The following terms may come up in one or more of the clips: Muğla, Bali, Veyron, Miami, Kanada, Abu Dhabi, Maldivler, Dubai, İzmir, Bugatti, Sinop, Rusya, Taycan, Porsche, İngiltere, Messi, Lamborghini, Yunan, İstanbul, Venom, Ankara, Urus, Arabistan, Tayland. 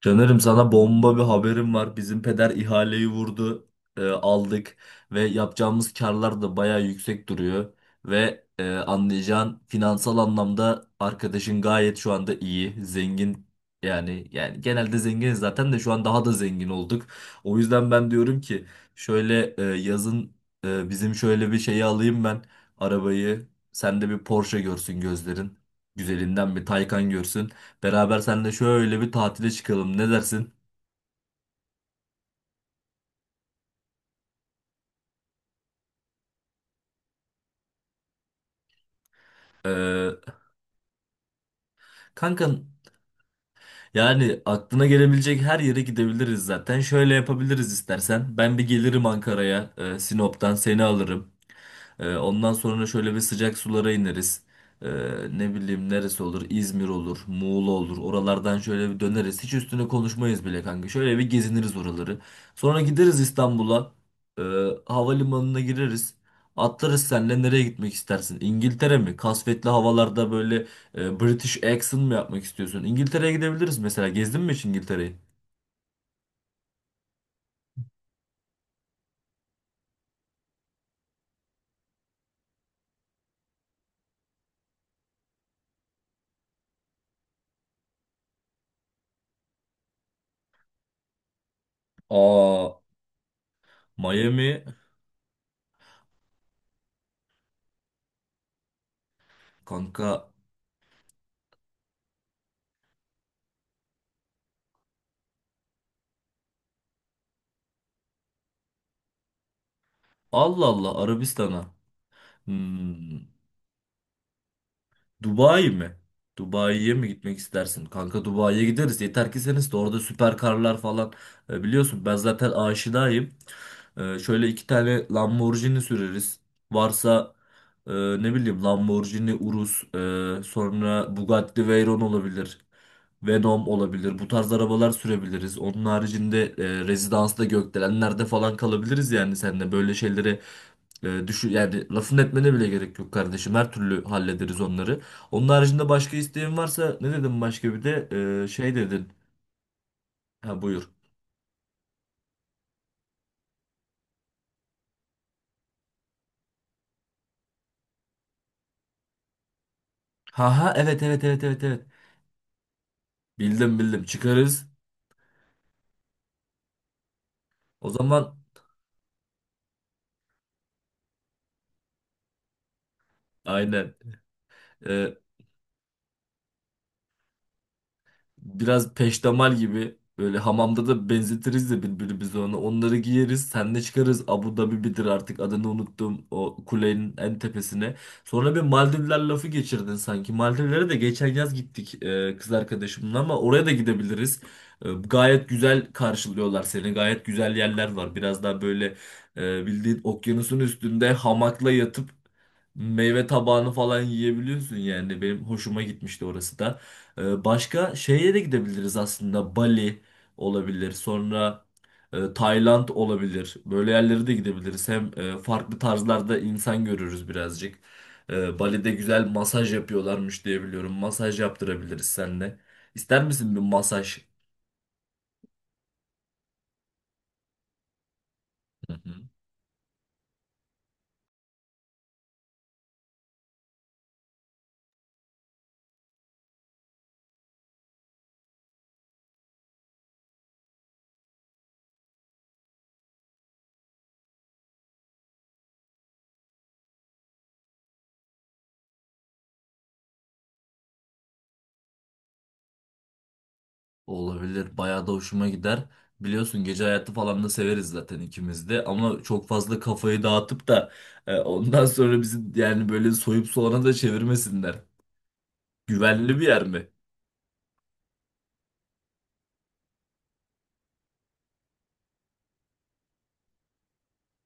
Canırım sana bomba bir haberim var. Bizim peder ihaleyi vurdu, aldık ve yapacağımız karlar da bayağı yüksek duruyor. Ve anlayacağın finansal anlamda arkadaşın gayet şu anda iyi, zengin, yani genelde zenginiz zaten de şu an daha da zengin olduk. O yüzden ben diyorum ki şöyle, yazın, bizim şöyle bir şeyi alayım ben, arabayı. Sen de bir Porsche görsün gözlerin. Güzelinden bir Taycan görsün. Beraber seninle şöyle bir tatile çıkalım. Ne dersin? Ee, kankan, yani aklına gelebilecek her yere gidebiliriz zaten. Şöyle yapabiliriz istersen. Ben bir gelirim Ankara'ya, Sinop'tan seni alırım. Ondan sonra şöyle bir sıcak sulara ineriz. Ee, ne bileyim neresi olur? İzmir olur, Muğla olur. Oralardan şöyle bir döneriz. Hiç üstüne konuşmayız bile kanka. Şöyle bir geziniriz oraları. Sonra gideriz İstanbul'a. Ee, havalimanına gireriz. Atlarız senle, nereye gitmek istersin? İngiltere mi? Kasvetli havalarda böyle British accent mı yapmak istiyorsun? İngiltere'ye gidebiliriz mesela. Gezdin mi hiç İngiltere'yi? Aa, Miami. Kanka Allah Allah Arabistan'a. Hmm. Dubai mi? Dubai'ye mi gitmek istersin? Kanka Dubai'ye gideriz. Yeter ki seniz de orada süper karlar falan. E, biliyorsun ben zaten aşinayım. E, şöyle iki tane Lamborghini süreriz. Varsa ne bileyim Lamborghini Urus. Sonra Bugatti Veyron olabilir. Venom olabilir. Bu tarz arabalar sürebiliriz. Onun haricinde rezidansta, gökdelenlerde falan kalabiliriz yani seninle. Böyle şeyleri düşün, yani lafın etmene bile gerek yok kardeşim. Her türlü hallederiz onları. Onun haricinde başka isteğin varsa ne dedim başka bir de... şey dedin. Ha buyur. Ha ha, evet evet evet evet evet. Bildim bildim, çıkarız. O zaman aynen. Ee, biraz peştemal gibi böyle hamamda da benzetiriz de birbirimize onu. Onları giyeriz, senle çıkarız. Abu Dhabi bidir artık, adını unuttum, o kulenin en tepesine. Sonra bir Maldivler lafı geçirdin sanki. Maldivlere de geçen yaz gittik, kız arkadaşımla, ama oraya da gidebiliriz. E, gayet güzel karşılıyorlar seni. Gayet güzel yerler var. Biraz daha böyle bildiğin okyanusun üstünde hamakla yatıp meyve tabağını falan yiyebiliyorsun yani. Benim hoşuma gitmişti orası da. Başka şeye de gidebiliriz aslında. Bali olabilir. Sonra Tayland olabilir. Böyle yerlere de gidebiliriz. Hem farklı tarzlarda insan görürüz birazcık. Bali'de güzel masaj yapıyorlarmış diye biliyorum. Masaj yaptırabiliriz seninle. İster misin bir masaj? Olabilir. Bayağı da hoşuma gider. Biliyorsun gece hayatı falan da severiz zaten ikimiz de. Ama çok fazla kafayı dağıtıp da ondan sonra bizi yani böyle soyup soğana da çevirmesinler. Güvenli bir yer mi?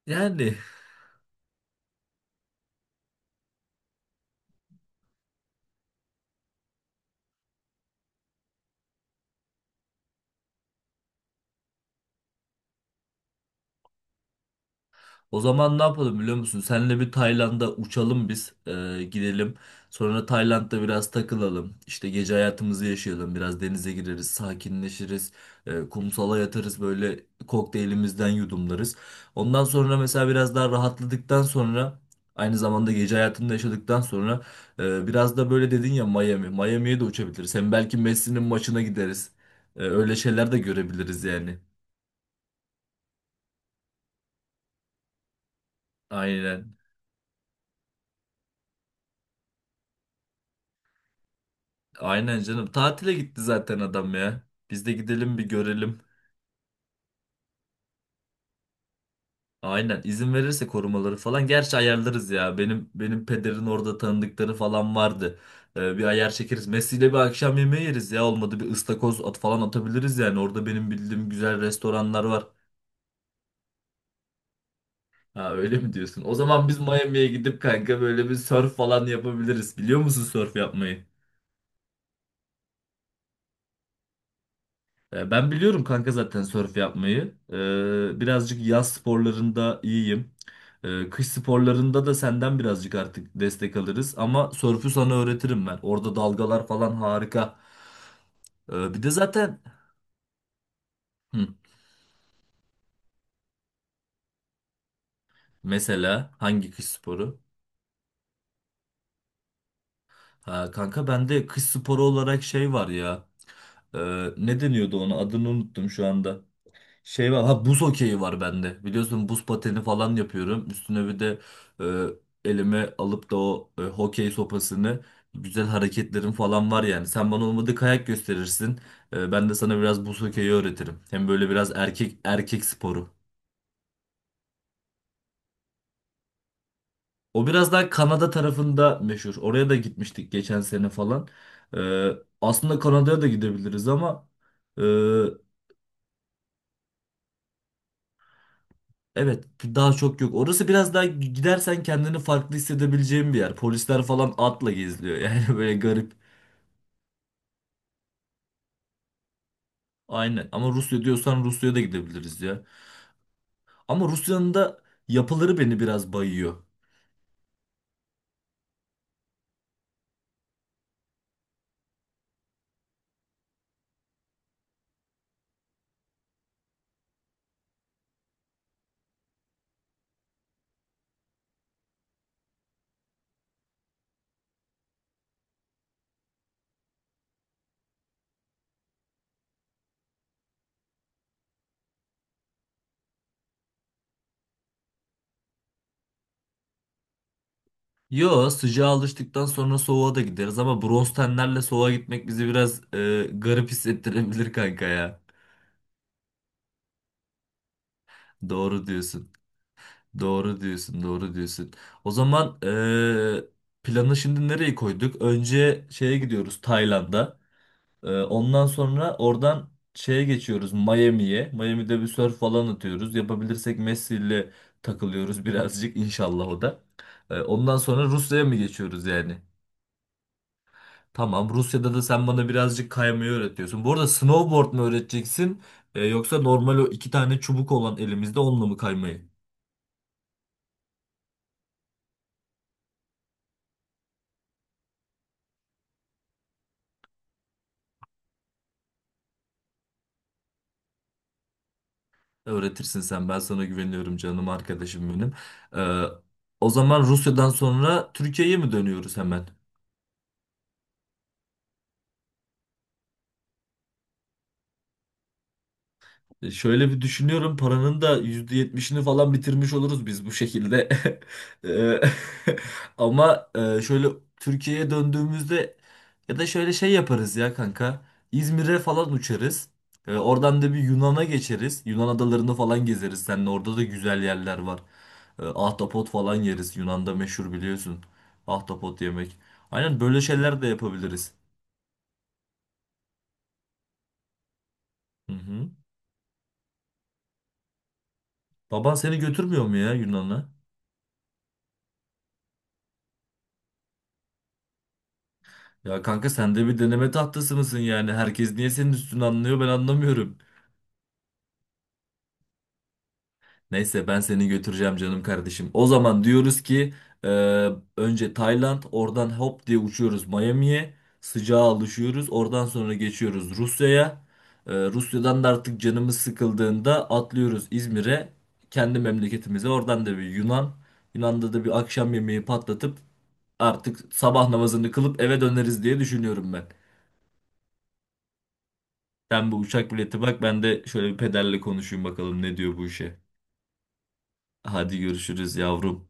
Yani. O zaman ne yapalım biliyor musun? Senle bir Tayland'a uçalım biz. Gidelim. Sonra Tayland'da biraz takılalım. İşte gece hayatımızı yaşayalım. Biraz denize gireriz, sakinleşiriz. Kumsala yatarız, böyle kokteylimizden yudumlarız. Ondan sonra mesela biraz daha rahatladıktan sonra, aynı zamanda gece hayatında yaşadıktan sonra biraz da böyle dedin ya, Miami. Miami'ye de uçabiliriz. Hem belki Messi'nin maçına gideriz. Öyle şeyler de görebiliriz yani. Aynen. Aynen canım. Tatile gitti zaten adam ya. Biz de gidelim bir görelim. Aynen, izin verirse korumaları falan. Gerçi ayarlarız ya. Benim pederin orada tanıdıkları falan vardı. Bir ayar çekeriz. Messi'yle bir akşam yemeği yeriz ya. Olmadı bir ıstakoz at falan atabiliriz yani. Orada benim bildiğim güzel restoranlar var. Ha, öyle mi diyorsun? O zaman biz Miami'ye gidip kanka böyle bir surf falan yapabiliriz. Biliyor musun surf yapmayı? E, ben biliyorum kanka zaten sörf yapmayı. E, birazcık yaz sporlarında iyiyim. E, kış sporlarında da senden birazcık artık destek alırız. Ama sörfü sana öğretirim ben. Orada dalgalar falan harika. E, bir de zaten hı, mesela hangi kış sporu? Ha, kanka bende kış sporu olarak şey var ya. E, ne deniyordu ona? Adını unuttum şu anda. Şey var, ha, buz hokeyi var bende. Biliyorsun buz pateni falan yapıyorum. Üstüne bir de elime alıp da o hokey sopasını, güzel hareketlerim falan var yani. Sen bana olmadı kayak gösterirsin. E, ben de sana biraz buz hokeyi öğretirim. Hem böyle biraz erkek erkek sporu. O biraz daha Kanada tarafında meşhur. Oraya da gitmiştik geçen sene falan. E, aslında Kanada'ya da gidebiliriz ama e, evet daha çok yok. Orası biraz daha gidersen kendini farklı hissedebileceğin bir yer. Polisler falan atla geziliyor yani böyle garip. Aynen, ama Rusya diyorsan Rusya'ya da gidebiliriz ya. Ama Rusya'nın da yapıları beni biraz bayıyor. Yo, sıcağa alıştıktan sonra soğuğa da gideriz ama bronz tenlerle soğuğa gitmek bizi biraz garip hissettirebilir kanka ya. Doğru diyorsun. Doğru diyorsun. Doğru diyorsun. O zaman planı şimdi nereye koyduk? Önce şeye gidiyoruz, Tayland'a. Ondan sonra oradan şeye geçiyoruz, Miami'ye. Miami'de bir surf falan atıyoruz. Yapabilirsek Messi ile takılıyoruz birazcık inşallah o da. Ondan sonra Rusya'ya mı geçiyoruz yani? Tamam, Rusya'da da sen bana birazcık kaymayı öğretiyorsun. Bu arada snowboard mu öğreteceksin, yoksa normal o iki tane çubuk olan elimizde, onunla mı kaymayı öğretirsin sen? Ben sana güveniyorum canım arkadaşım benim. Ee, o zaman Rusya'dan sonra Türkiye'ye mi dönüyoruz hemen? E, şöyle bir düşünüyorum, paranın da %70'ini falan bitirmiş oluruz biz bu şekilde. E, ama şöyle Türkiye'ye döndüğümüzde, ya da şöyle şey yaparız ya kanka. İzmir'e falan uçarız. E, oradan da bir Yunan'a geçeriz. Yunan adalarını falan gezeriz. Seninle orada da güzel yerler var. E, ahtapot falan yeriz. Yunan'da meşhur biliyorsun. Ahtapot yemek. Aynen, böyle şeyler de yapabiliriz. Hı hı. Baban seni götürmüyor mu ya Yunan'a? Ya kanka sen de bir deneme tahtası mısın yani? Herkes niye senin üstünü anlıyor ben anlamıyorum. Neyse, ben seni götüreceğim canım kardeşim. O zaman diyoruz ki e, önce Tayland, oradan hop diye uçuyoruz Miami'ye. Sıcağa alışıyoruz. Oradan sonra geçiyoruz Rusya'ya. E, Rusya'dan da artık canımız sıkıldığında atlıyoruz İzmir'e. Kendi memleketimize, oradan da bir Yunan. Yunan'da da bir akşam yemeği patlatıp artık sabah namazını kılıp eve döneriz diye düşünüyorum ben. Sen bu uçak bileti bak, ben de şöyle bir pederle konuşayım bakalım ne diyor bu işe. Hadi görüşürüz yavrum.